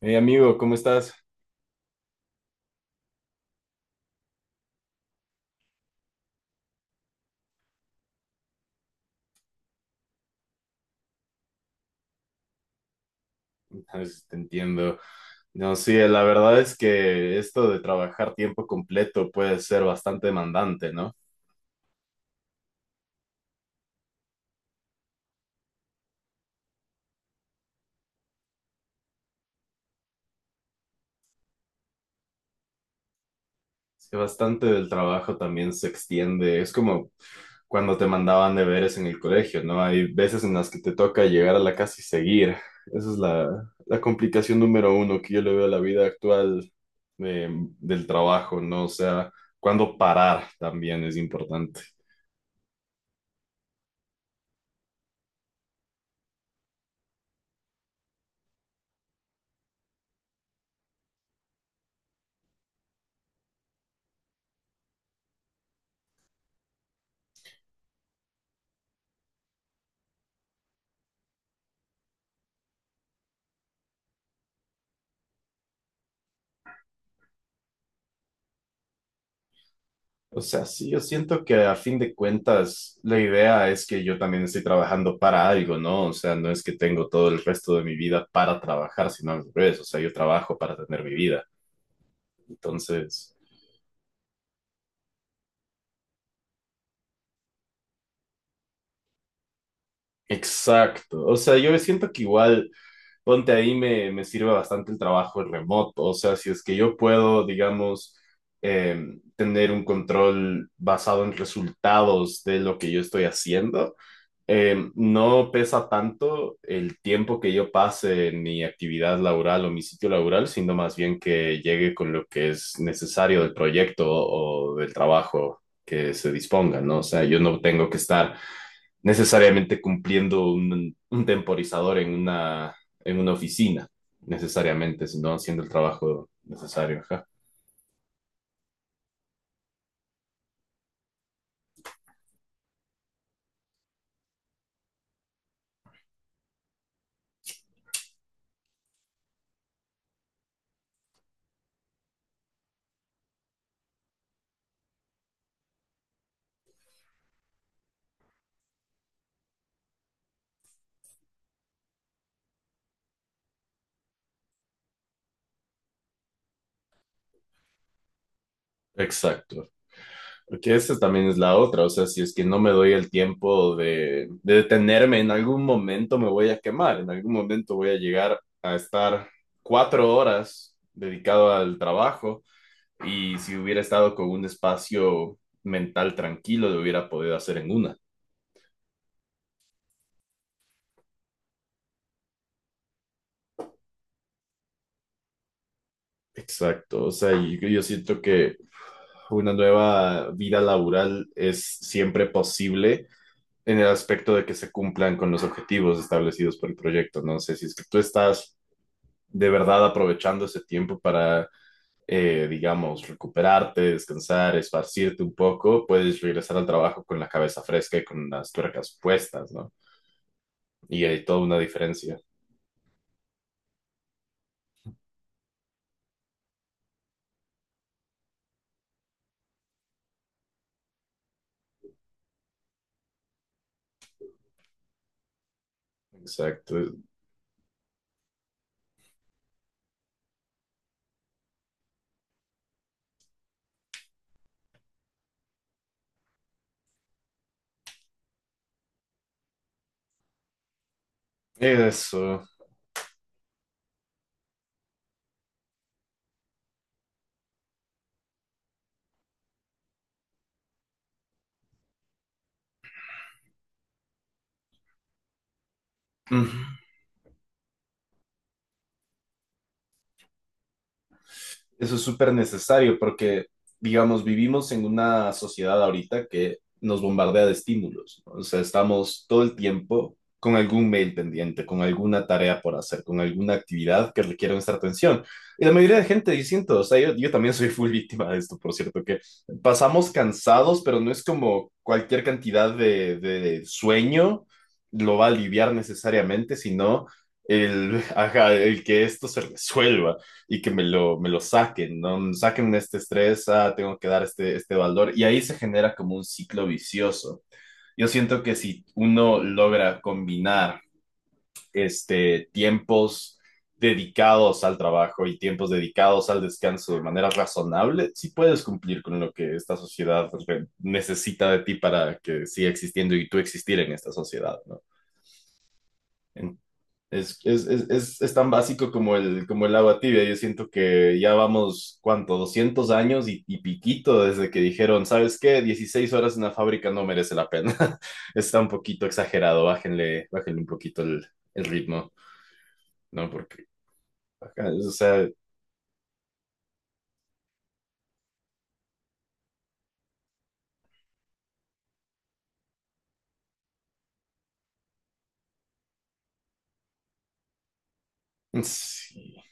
Hey amigo, ¿cómo estás? Ah, sí, te entiendo. No, sí, la verdad es que esto de trabajar tiempo completo puede ser bastante demandante, ¿no? Es que bastante del trabajo también se extiende. Es como cuando te mandaban deberes en el colegio, ¿no? Hay veces en las que te toca llegar a la casa y seguir. Esa es la complicación número uno que yo le veo a la vida actual de- del trabajo, ¿no? O sea, cuándo parar también es importante. O sea, sí, yo siento que a fin de cuentas la idea es que yo también estoy trabajando para algo, ¿no? O sea, no es que tengo todo el resto de mi vida para trabajar, sino al revés, o sea, yo trabajo para tener mi vida. Entonces, exacto. O sea, yo siento que igual, ponte ahí, me sirve bastante el trabajo remoto. O sea, si es que yo puedo, digamos, eh, tener un control basado en resultados de lo que yo estoy haciendo. No pesa tanto el tiempo que yo pase en mi actividad laboral o mi sitio laboral, sino más bien que llegue con lo que es necesario del proyecto o del trabajo que se disponga, ¿no? O sea, yo no tengo que estar necesariamente cumpliendo un temporizador en una oficina, necesariamente, sino haciendo el trabajo necesario. Ajá. Exacto. Porque esa también es la otra, o sea, si es que no me doy el tiempo de detenerme, en algún momento me voy a quemar, en algún momento voy a llegar a estar 4 horas dedicado al trabajo y si hubiera estado con un espacio mental tranquilo, lo hubiera podido hacer en una. Exacto, o sea, y yo siento que una nueva vida laboral es siempre posible en el aspecto de que se cumplan con los objetivos establecidos por el proyecto, ¿no? Sé si es que tú estás de verdad aprovechando ese tiempo para, digamos, recuperarte, descansar, esparcirte un poco, puedes regresar al trabajo con la cabeza fresca y con las tuercas puestas, ¿no? Y hay toda una diferencia. Exacto. Eso. Eso es súper necesario porque, digamos, vivimos en una sociedad ahorita que nos bombardea de estímulos, ¿no? O sea, estamos todo el tiempo con algún mail pendiente, con alguna tarea por hacer, con alguna actividad que requiere nuestra atención. Y la mayoría de gente, yo siento, o sea, yo también soy full víctima de esto, por cierto, que pasamos cansados, pero no es como cualquier cantidad de sueño lo va a aliviar necesariamente, sino el, ajá, el que esto se resuelva y que me lo saquen, ¿no? Saquen este estrés, ah, tengo que dar este valor y ahí se genera como un ciclo vicioso. Yo siento que si uno logra combinar este, tiempos dedicados al trabajo y tiempos dedicados al descanso de manera razonable, si sí puedes cumplir con lo que esta sociedad necesita de ti para que siga existiendo y tú existir en esta sociedad, ¿no? En- es tan básico como el agua tibia. Yo siento que ya vamos, ¿cuánto? 200 años y piquito desde que dijeron, ¿sabes qué? 16 horas en la fábrica no merece la pena. Está un poquito exagerado, bájenle, bájenle un poquito el ritmo, ¿no? Porque, ajá, o sea, sí.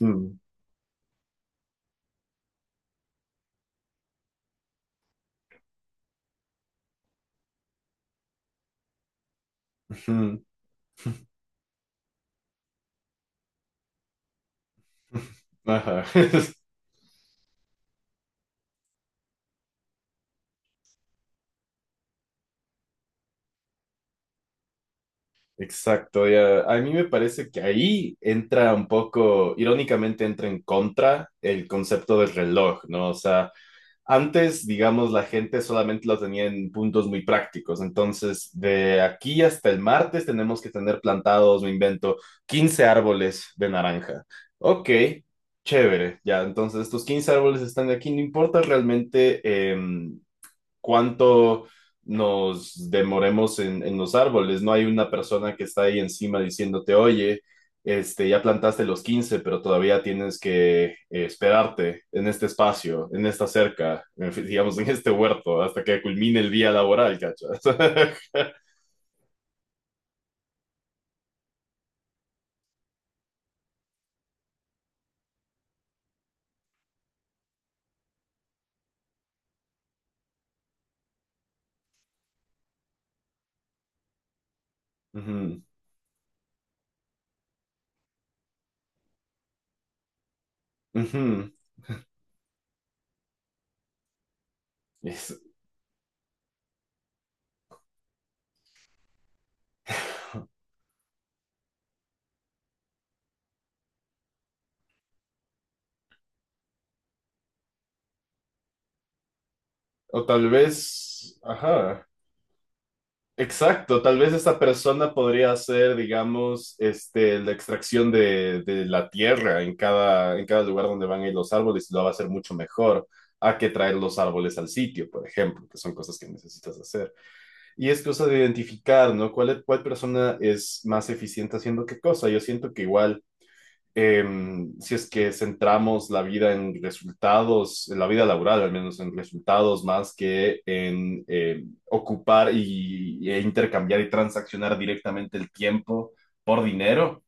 Mm, ujú. Ajá. Exacto, ya. A mí me parece que ahí entra un poco, irónicamente entra en contra el concepto del reloj, ¿no? O sea, antes, digamos, la gente solamente lo tenía en puntos muy prácticos. Entonces, de aquí hasta el martes tenemos que tener plantados, me invento, 15 árboles de naranja. Ok, chévere. Ya, entonces estos 15 árboles están aquí. No importa realmente em, cuánto nos demoremos en los árboles. No hay una persona que está ahí encima diciéndote, oye, este, ya plantaste los 15, pero todavía tienes que esperarte en este espacio, en esta cerca, digamos, en este huerto, hasta que culmine el día laboral, ¿cachas? Ujú, ujú. Es- O tal vez, ajá. Exacto, tal vez esta persona podría hacer, digamos, este, la extracción de la tierra en cada lugar donde van a ir los árboles y lo va a hacer mucho mejor a que traer los árboles al sitio, por ejemplo, que son cosas que necesitas hacer. Y es cosa de identificar, ¿no? ¿Cuál, cuál persona es más eficiente haciendo qué cosa? Yo siento que igual eh, si es que centramos la vida en resultados, en la vida laboral al menos en resultados más que en ocupar e intercambiar y transaccionar directamente el tiempo por dinero,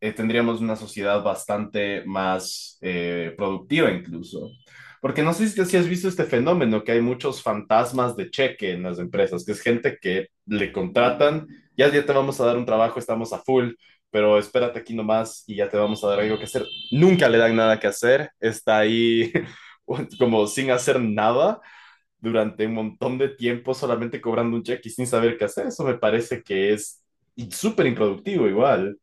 tendríamos una sociedad bastante más productiva incluso. Porque no sé si has visto este fenómeno, que hay muchos fantasmas de cheque en las empresas, que es gente que le contratan, ya, ya te vamos a dar un trabajo, estamos a full, pero espérate aquí nomás y ya te vamos a dar algo que hacer. Nunca le dan nada que hacer, está ahí como sin hacer nada durante un montón de tiempo, solamente cobrando un cheque y sin saber qué hacer. Eso me parece que es súper improductivo igual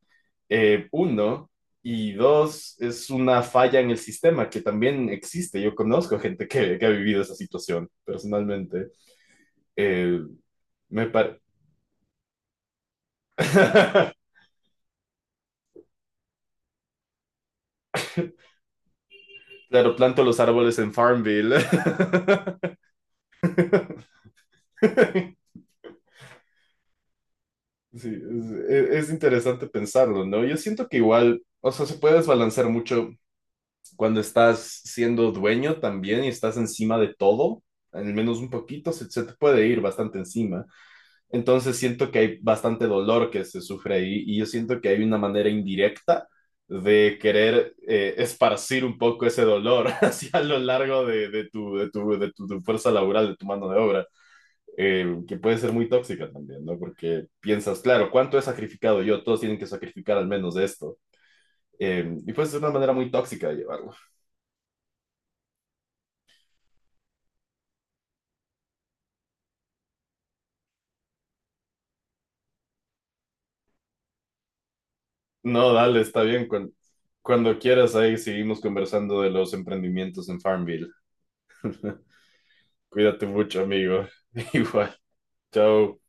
uno, y dos, es una falla en el sistema que también existe. Yo conozco gente que ha vivido esa situación personalmente. Eh, me par- Claro, planto los árboles en Farmville. Sí, es interesante pensarlo, ¿no? Yo siento que igual, o sea, se puede desbalancear mucho cuando estás siendo dueño también y estás encima de todo, al menos un poquito, se te puede ir bastante encima. Entonces siento que hay bastante dolor que se sufre ahí y yo siento que hay una manera indirecta de querer esparcir un poco ese dolor hacia lo largo tu fuerza laboral, de tu mano de obra, que puede ser muy tóxica también, ¿no? Porque piensas, claro, ¿cuánto he sacrificado yo? Todos tienen que sacrificar al menos esto. Y pues es una manera muy tóxica de llevarlo. No, dale, está bien. Cuando quieras, ahí seguimos conversando de los emprendimientos en Farmville. Cuídate mucho, amigo. Igual. Chao.